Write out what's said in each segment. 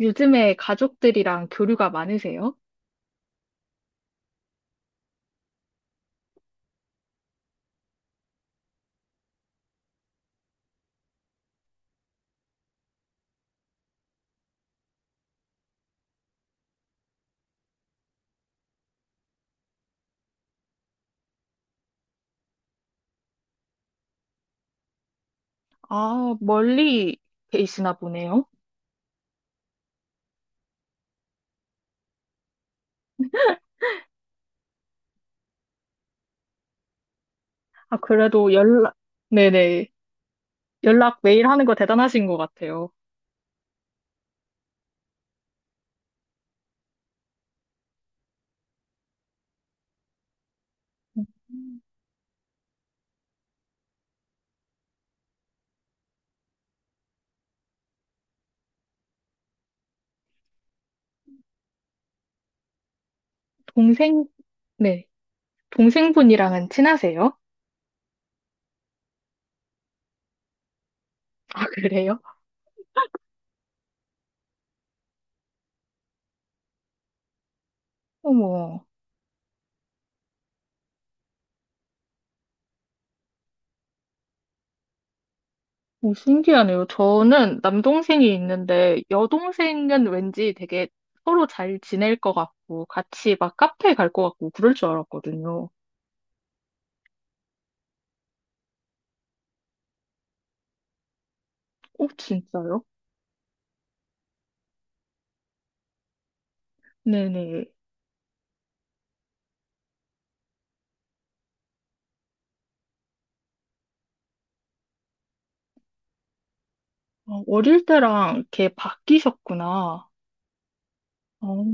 요즘에 가족들이랑 교류가 많으세요? 아, 멀리 계시나 보네요. 아, 그래도 연락, 네네. 연락 매일 하는 거 대단하신 것 같아요. 음, 동생, 네. 동생분이랑은 친하세요? 아, 그래요? 어머. 오, 신기하네요. 저는 남동생이 있는데 여동생은 왠지 되게 서로 잘 지낼 것 같고 같이 막 카페 갈 것 같고 그럴 줄 알았거든요. 오, 진짜요? 네네. 어, 어릴 때랑 이렇게 바뀌셨구나. 어,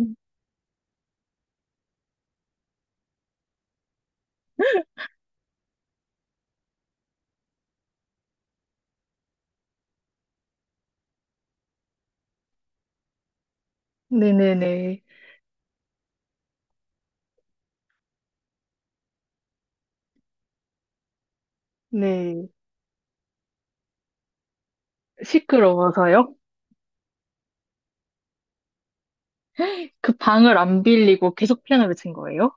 네네네. 네. 시끄러워서요? 그 방을 안 빌리고 계속 피아노를 친 거예요?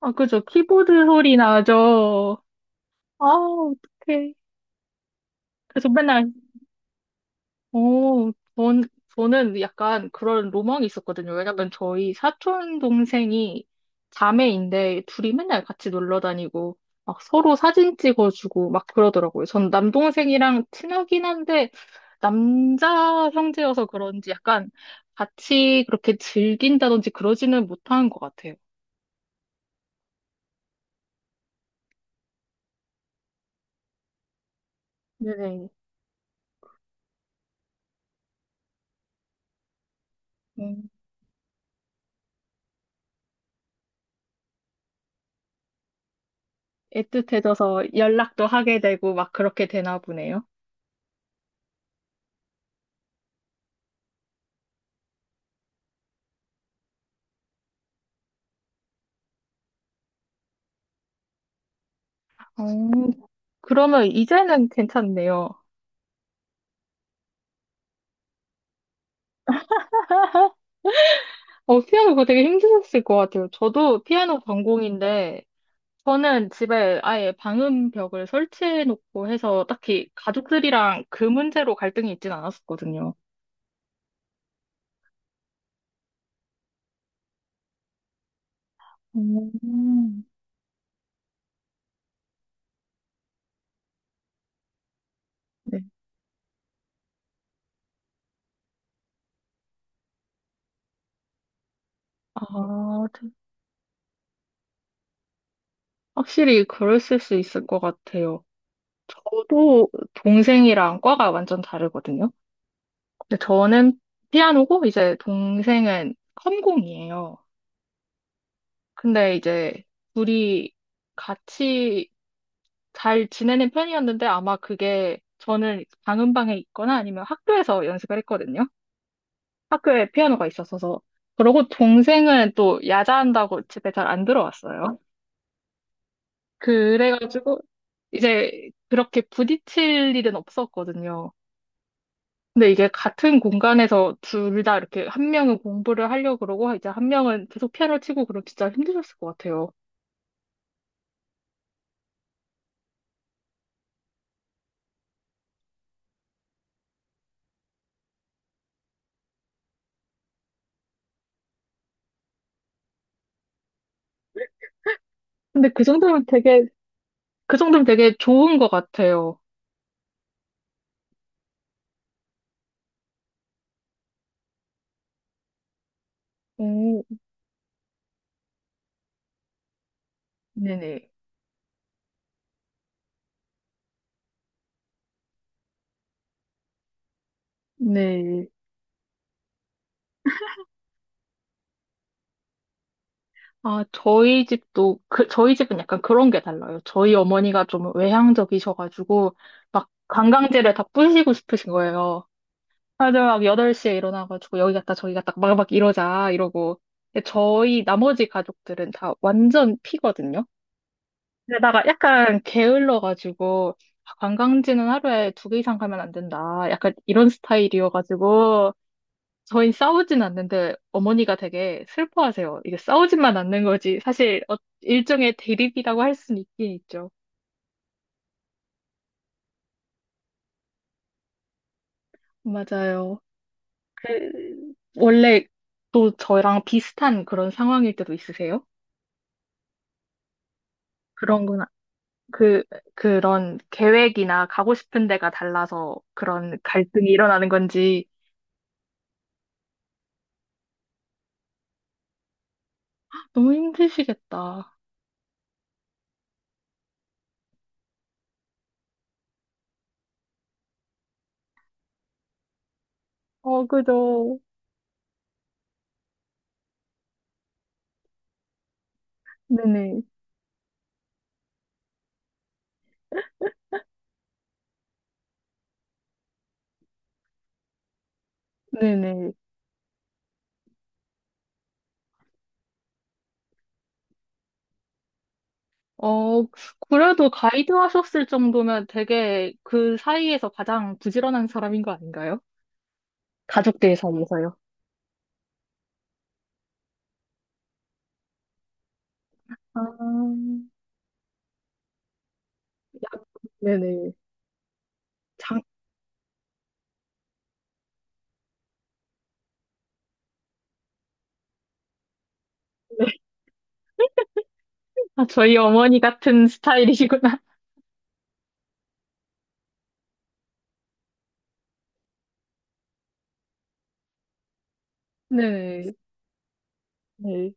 아, 그죠. 키보드 소리 나죠. 아, 어떡해. 그래서 맨날 어, 전, 저는 약간 그런 로망이 있었거든요. 왜냐면 저희 사촌 동생이 자매인데 둘이 맨날 같이 놀러 다니고 막 서로 사진 찍어주고 막 그러더라고요. 전 남동생이랑 친하긴 한데 남자 형제여서 그런지 약간 같이 그렇게 즐긴다든지 그러지는 못한 것 같아요. 네네. 음, 애틋해져서 연락도 하게 되고 막 그렇게 되나 보네요. 어, 그러면 이제는 괜찮네요. 어, 피아노 그거 되게 힘드셨을 것 같아요. 저도 피아노 전공인데, 저는 집에 아예 방음벽을 설치해 놓고 해서 딱히 가족들이랑 그 문제로 갈등이 있진 않았었거든요. 음, 네. 아, 확실히 그랬을 수 있을 것 같아요. 저도 동생이랑 과가 완전 다르거든요. 근데 저는 피아노고 이제 동생은 컴공이에요. 근데 이제 둘이 같이 잘 지내는 편이었는데 아마 그게 저는 방음방에 있거나 아니면 학교에서 연습을 했거든요. 학교에 피아노가 있었어서. 그러고 동생은 또 야자한다고 집에 잘 안 들어왔어요. 그래가지고 이제 그렇게 부딪힐 일은 없었거든요. 근데 이게 같은 공간에서 둘 다 이렇게 한 명은 공부를 하려고 그러고 이제 한 명은 계속 피아노 치고 그럼 진짜 힘드셨을 것 같아요. 근데 그 정도면 되게, 그 정도면 되게 좋은 것 같아요. 오, 네네. 네. 아, 저희 집은 약간 그런 게 달라요. 저희 어머니가 좀 외향적이셔가지고, 막 관광지를 다 뿌시고 싶으신 거예요. 다들 막 8시에 일어나가지고, 여기 갔다 저기 갔다 막 막 이러자, 이러고. 근데 저희 나머지 가족들은 다 완전 피거든요. 게다가 약간 게을러가지고, 아, 관광지는 하루에 두 개 이상 가면 안 된다. 약간 이런 스타일이어가지고, 저희 싸우진 않는데 어머니가 되게 슬퍼하세요. 이게 싸우지만 않는 거지. 사실 일종의 대립이라고 할 수는 있긴 있죠. 맞아요. 원래 또 저랑 비슷한 그런 상황일 때도 있으세요? 그런 건, 그, 그런 계획이나 가고 싶은 데가 달라서 그런 갈등이 일어나는 건지 너무 힘드시겠다. 어, 그죠. 네네. 네네. 어, 그래도 가이드 하셨을 정도면 되게 그 사이에서 가장 부지런한 사람인 거 아닌가요? 가족들 사이에서요. 아, 야, 네네. 장, 네. 아, 저희 어머니 같은 스타일이시구나. 네. 네.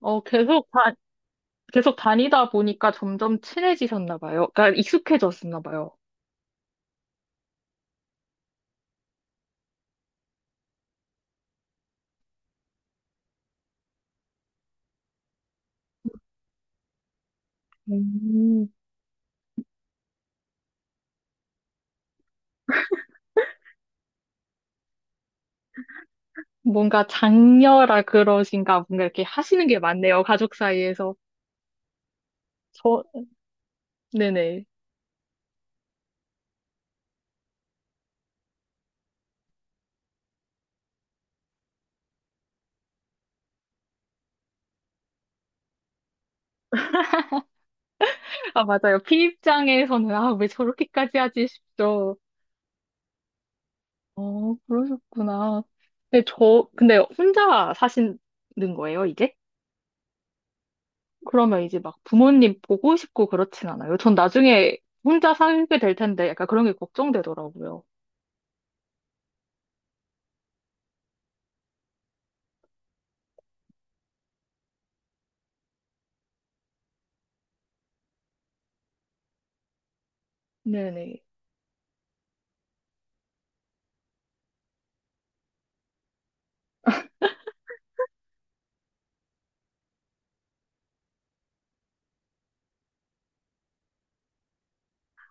어, 계속 다, 계속 다니다 보니까 점점 친해지셨나 봐요. 그러니까 익숙해졌나 봐요. 음. 뭔가 장녀라 그러신가, 뭔가 이렇게 하시는 게 많네요, 가족 사이에서. 저, 네네. 아, 맞아요. 피 입장에서는, 아, 왜 저렇게까지 하지 싶죠. 어, 그러셨구나. 근데 혼자 사시는 거예요, 이제? 그러면 이제 막 부모님 보고 싶고 그렇진 않아요. 전 나중에 혼자 살게 될 텐데 약간 그런 게 걱정되더라고요. 네네.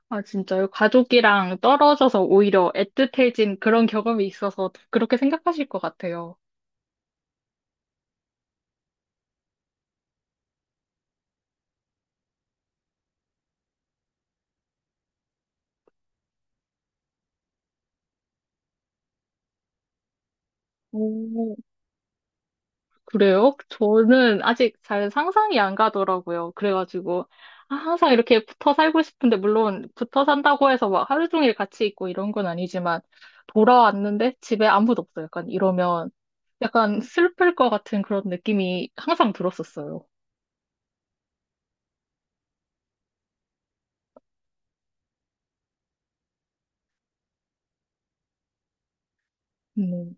아, 진짜요? 가족이랑 떨어져서 오히려 애틋해진 그런 경험이 있어서 그렇게 생각하실 것 같아요. 오. 그래요? 저는 아직 잘 상상이 안 가더라고요. 그래가지고, 아, 항상 이렇게 붙어 살고 싶은데, 물론 붙어 산다고 해서 막 하루 종일 같이 있고 이런 건 아니지만, 돌아왔는데 집에 아무도 없어요. 약간 이러면 약간 슬플 것 같은 그런 느낌이 항상 들었었어요. 음.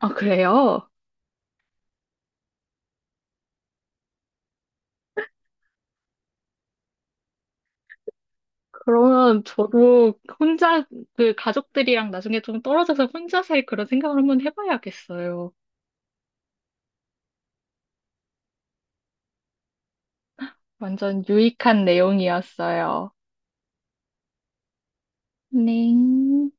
아, 그래요? 그러면 저도 혼자, 그 가족들이랑 나중에 좀 떨어져서 혼자 살 그런 생각을 한번 해봐야겠어요. 완전 유익한 내용이었어요. 네.